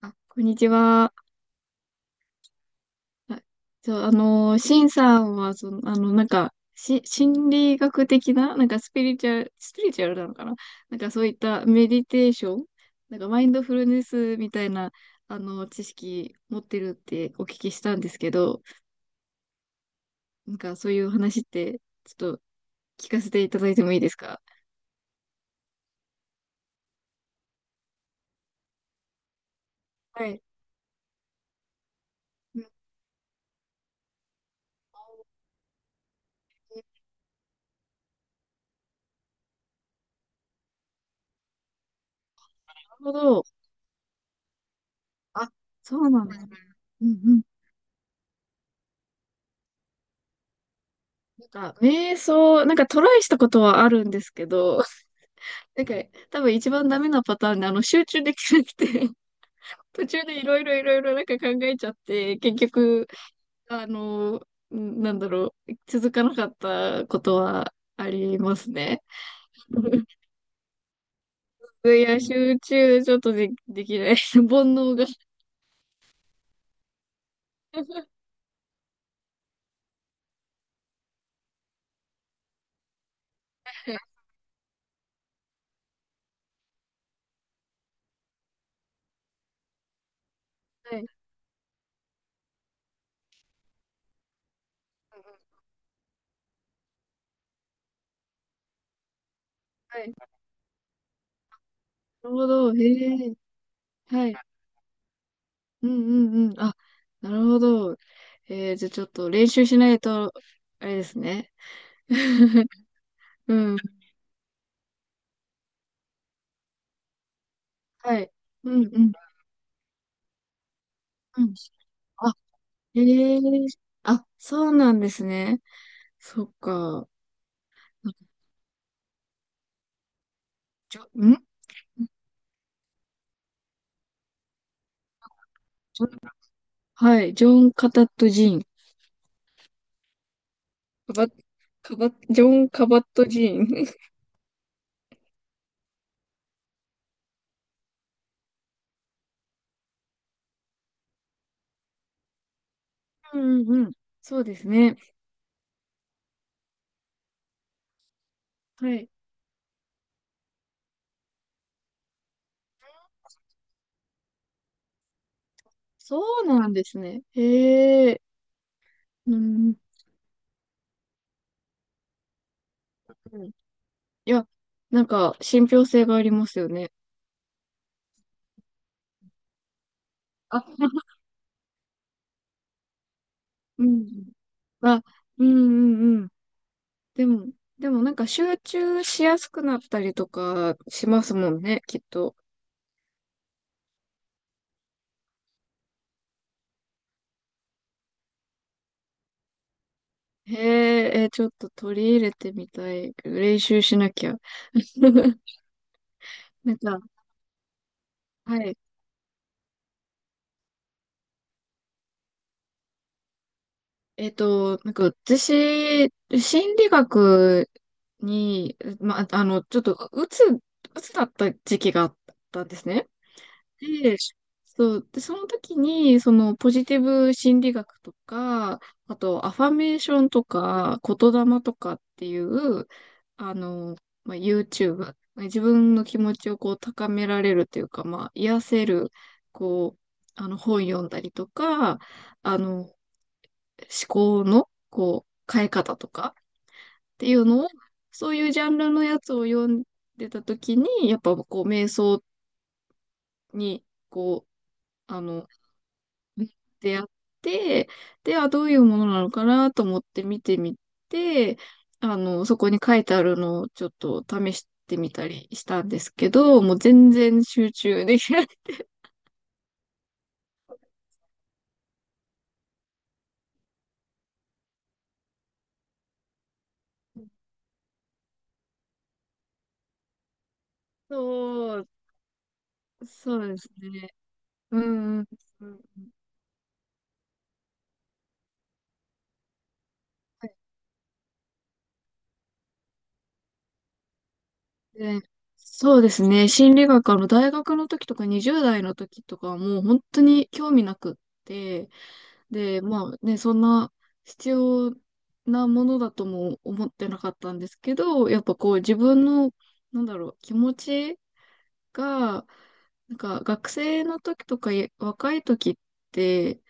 あ、こんにちは。あ、そう、シンさんは、心理学的な、なんかスピリチュアル、スピリチュアルなのかな。なんかそういったメディテーション、なんかマインドフルネスみたいな、知識持ってるってお聞きしたんですけど、なんかそういう話って、ちょっと聞かせていただいてもいいですか？はい。うん。なるほど。あ、そうなんですね。うんうん。なんか瞑想、なんかトライしたことはあるんですけど、なんか、多分一番ダメなパターンで、集中できなくて、途中でいろいろいろいろなんか考えちゃって、結局、あの、続かなかったことはありますね。いや、集中ちょっとで、できない。煩悩が。はい。はい。はい。なるほど。へえ。はい。うんうんうん。あ、なるほど。えー、じゃあちょっと練習しないと、あれですね。うん。はい。うんうん。うん。あ、へえ。あ、そうなんですね。そっか。なんか、ジョ、ん、ジョン、はい、ジョン・カタット・ジーン。カバッ、カバッ、ジョン・カバット・ジーン。うんうんうん。そうですね。はい。そうなんですね。へえ。うん。うん。いや、なんか、信憑性がありますよね。あ、うん。あ、うんうんうん。でも、でもなんか集中しやすくなったりとかしますもんね、きっと。へえ、え、ちょっと取り入れてみたい。練習しなきゃ。なんか、はい。えっと、なんか私、心理学に、ま、ちょっと、うつ、うつだった時期があったんですね。で、そう、で、その時に、そのポジティブ心理学とか、あとアファメーションとか、言霊とかっていう、あの、まあ、YouTube、まあ自分の気持ちをこう高められるというか、まあ、癒せる、こう、本読んだりとか、思考の、こう、変え方とかっていうのを、そういうジャンルのやつを読んでた時に、やっぱこう、瞑想に、こう、ってやって、で、はどういうものなのかなと思って見てみて、そこに書いてあるのをちょっと試してみたりしたんですけど、もう全然集中できない。そう、そうですね。うんうん。で、そうですね。心理学、大学の時とか20代の時とかはもう本当に興味なくって、で、まあね、そんな必要なものだとも思ってなかったんですけど、やっぱこう自分の、なんだろう、気持ちが、なんか学生の時とかい若い時って、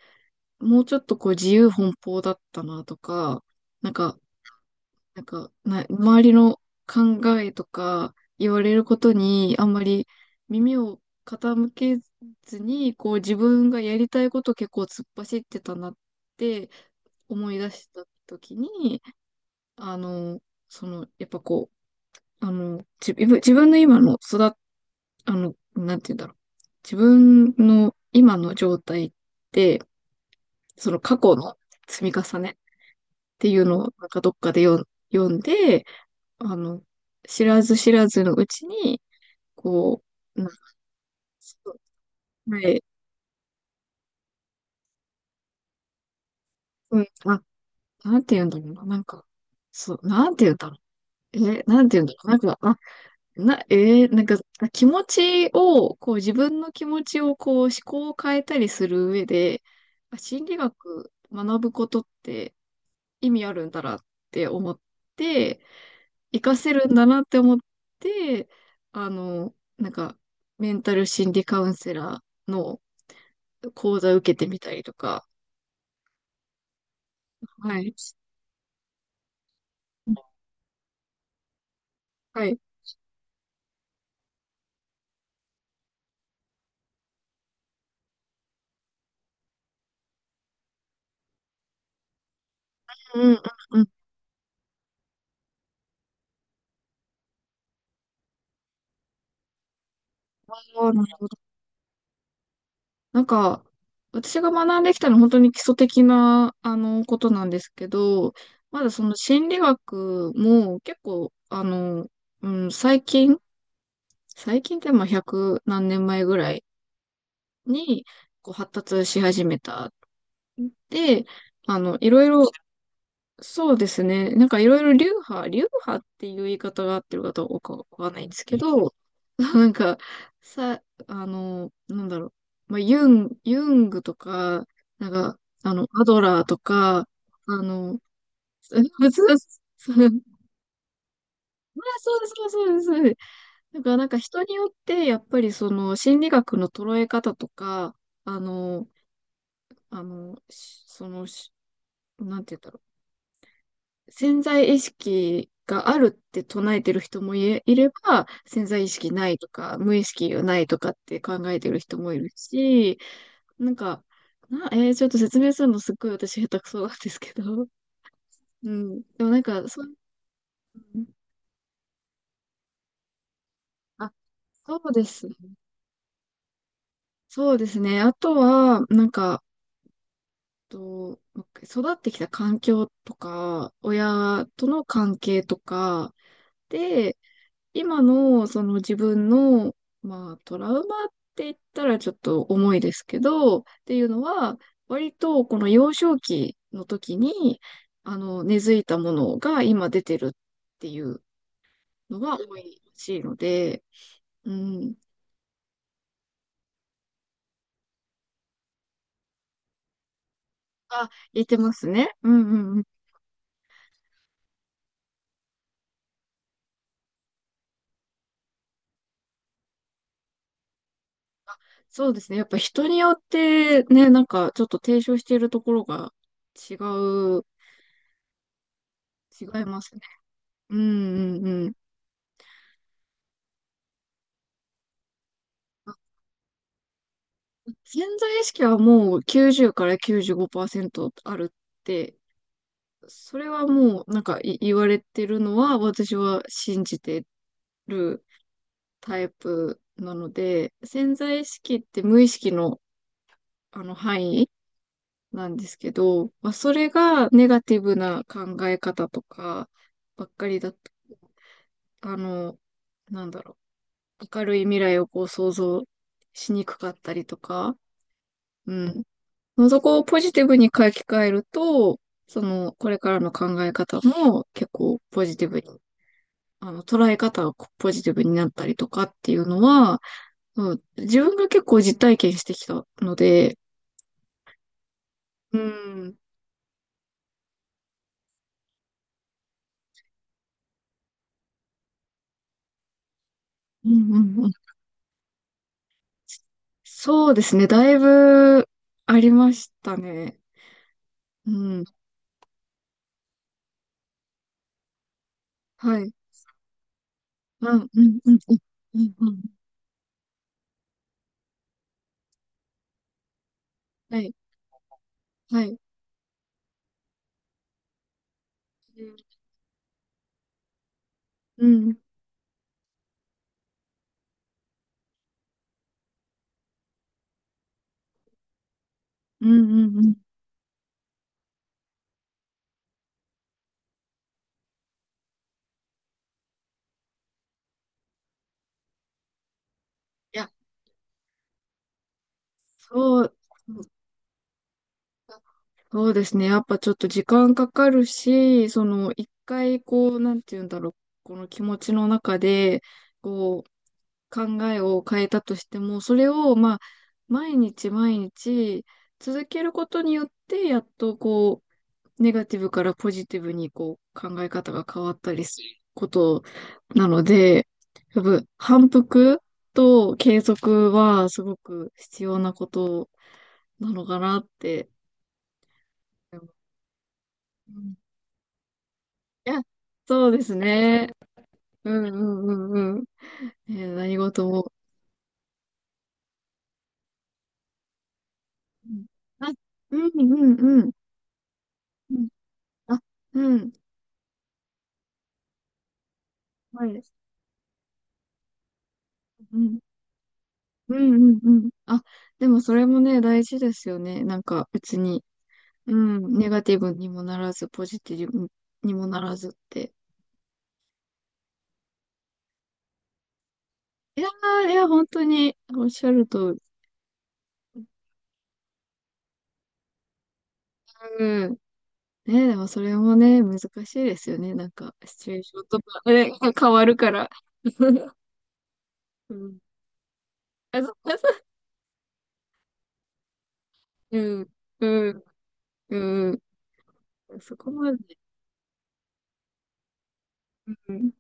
もうちょっとこう自由奔放だったなとか、なんか周りの考えとか言われることにあんまり耳を傾けずに、こう自分がやりたいことを結構突っ走ってたなって思い出した時に、あの、やっぱこう、自分、自分の今の育っ、あの、なんて言うんだろう。自分の今の状態って、その過去の積み重ねっていうのをなんかどっかで読んで、あの、知らず知らずのうちに、こう、な、そう、はい、うん、あ、なんて言うんだろうな、なんか、そう、なんて言うんだろう。え、なんて言うんだろう。なんか、あ、な、えー、なんか、あ、気持ちを、こう、自分の気持ちを、こう、思考を変えたりする上で、あ、心理学学ぶことって意味あるんだなって思って、活かせるんだなって思って、なんか、メンタル心理カウンセラーの講座受けてみたりとか、はい。はい。うんうんうん。あー、なるほど。なんか、私が学んできたのは本当に基礎的な、ことなんですけど、まだその心理学も結構、最近、最近ってまあ100何年前ぐらいに、こう発達し始めた。で、あの、いろいろそうですね。なんかいろいろ流派、流派っていう言い方が合ってるかどうかわかんないんですけど、なんか、さ、なんだろう。まあ、ユン、ユングとか、なんか、アドラーとか、あの、そうそうそう。まあ、そうそうそうです。そうです。なんか、なんか人によって、やっぱりその心理学の捉え方とか、あの、その、し、なんて言ったら、潜在意識があるって唱えてる人もいれ、いれば、潜在意識ないとか、無意識がないとかって考えてる人もいるし、なんか、な、えー、ちょっと説明するのすっごい私下手くそなんですけど。うん。でもなんか、そう、うん、あ、そうです。そうですね。あとは、なんか、と、育ってきた環境とか、親との関係とか、で、今のその自分の、まあ、トラウマって言ったらちょっと重いですけど、っていうのは、割とこの幼少期の時に、根付いたものが今出てるっていうのが多いらしいので、うん。あ、言ってますね。うんうんうん。そうですね。やっぱ人によってね、なんかちょっと提唱しているところが違う、違いますね。うんうんうん。潜在意識はもう90から95%あるって、それはもうなんかい言われてるのは私は信じてるタイプなので、潜在意識って無意識のあの範囲なんですけど、まあ、それがネガティブな考え方とかばっかりだと、あの、なんだろう、明るい未来をこう想像しにくかったりとか、うん、そこをポジティブに書き換えると、その、これからの考え方も結構ポジティブに、捉え方がポジティブになったりとかっていうのは、うん、自分が結構実体験してきたので、うん、うんうんうん。そうですね、だいぶありましたね。うん、はい。うん、うん、うん、うん、うん、うん、はい、はい。うん、うん、うん、うん。うん、いや、そう。そうですね。やっぱちょっと時間かかるし、その一回こう、なんて言うんだろう、この気持ちの中で、こう、考えを変えたとしても、それをまあ、毎日毎日続けることによって、やっとこう、ネガティブからポジティブにこう、考え方が変わったりすることなので、やっぱ反復と継続はすごく必要なことなのかなって。いや、そうですね。うんうんうんうん。え、何事も。うん、あ、うんうんうん。うん、あ、うん。はいです。うん。うんうんうん。あ、でもそれもね、大事ですよね。なんか別に、うん、ネガティブにもならず、ポジティブにもならずって。いやー、いや、本当におっしゃるとり。うん。ね、でもそれもね、難しいですよね。なんか、シチュエーションとか、ね、変わるから。うん。うん、うん、うん。そこまで。うん、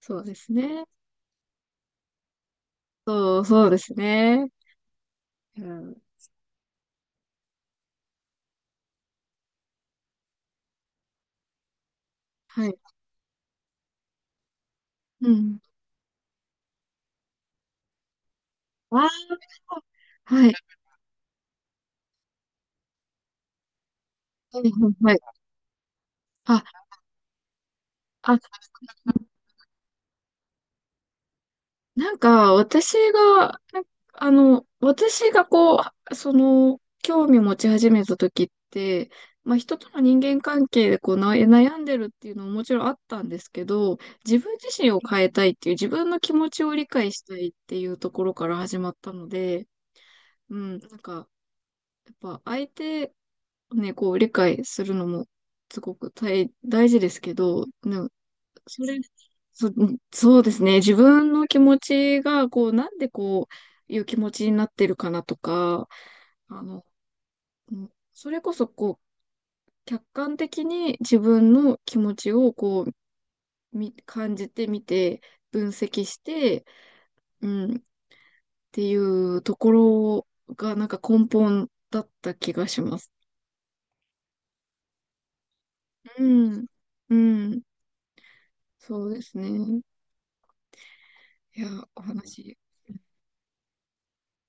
そうですね。そう、そうですね。うん、はい。うん。ああ、はい。はいはい。あ、あ、なんか、私が、なんかあの、私がこう、その、興味持ち始めた時って、まあ、人との人間関係でこうな悩んでるっていうのももちろんあったんですけど、自分自身を変えたいっていう、自分の気持ちを理解したいっていうところから始まったので、うん、なんか、やっぱ相手をね、こう理解するのもすごく大、大事ですけど、でもそれ、そ、そうですね、自分の気持ちが、こう、なんでこういう気持ちになってるかなとか、あの、うん、それこそこう、客観的に自分の気持ちをこう、み、感じてみて、分析して、うん、っていうところが、なんか根本だった気がします。うん、うん。そうですね。いや、お話。い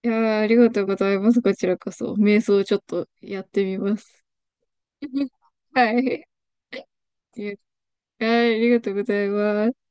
や、ありがとうございます。こちらこそ。瞑想をちょっとやってみます。はい。いや、はい、ありがとうございます。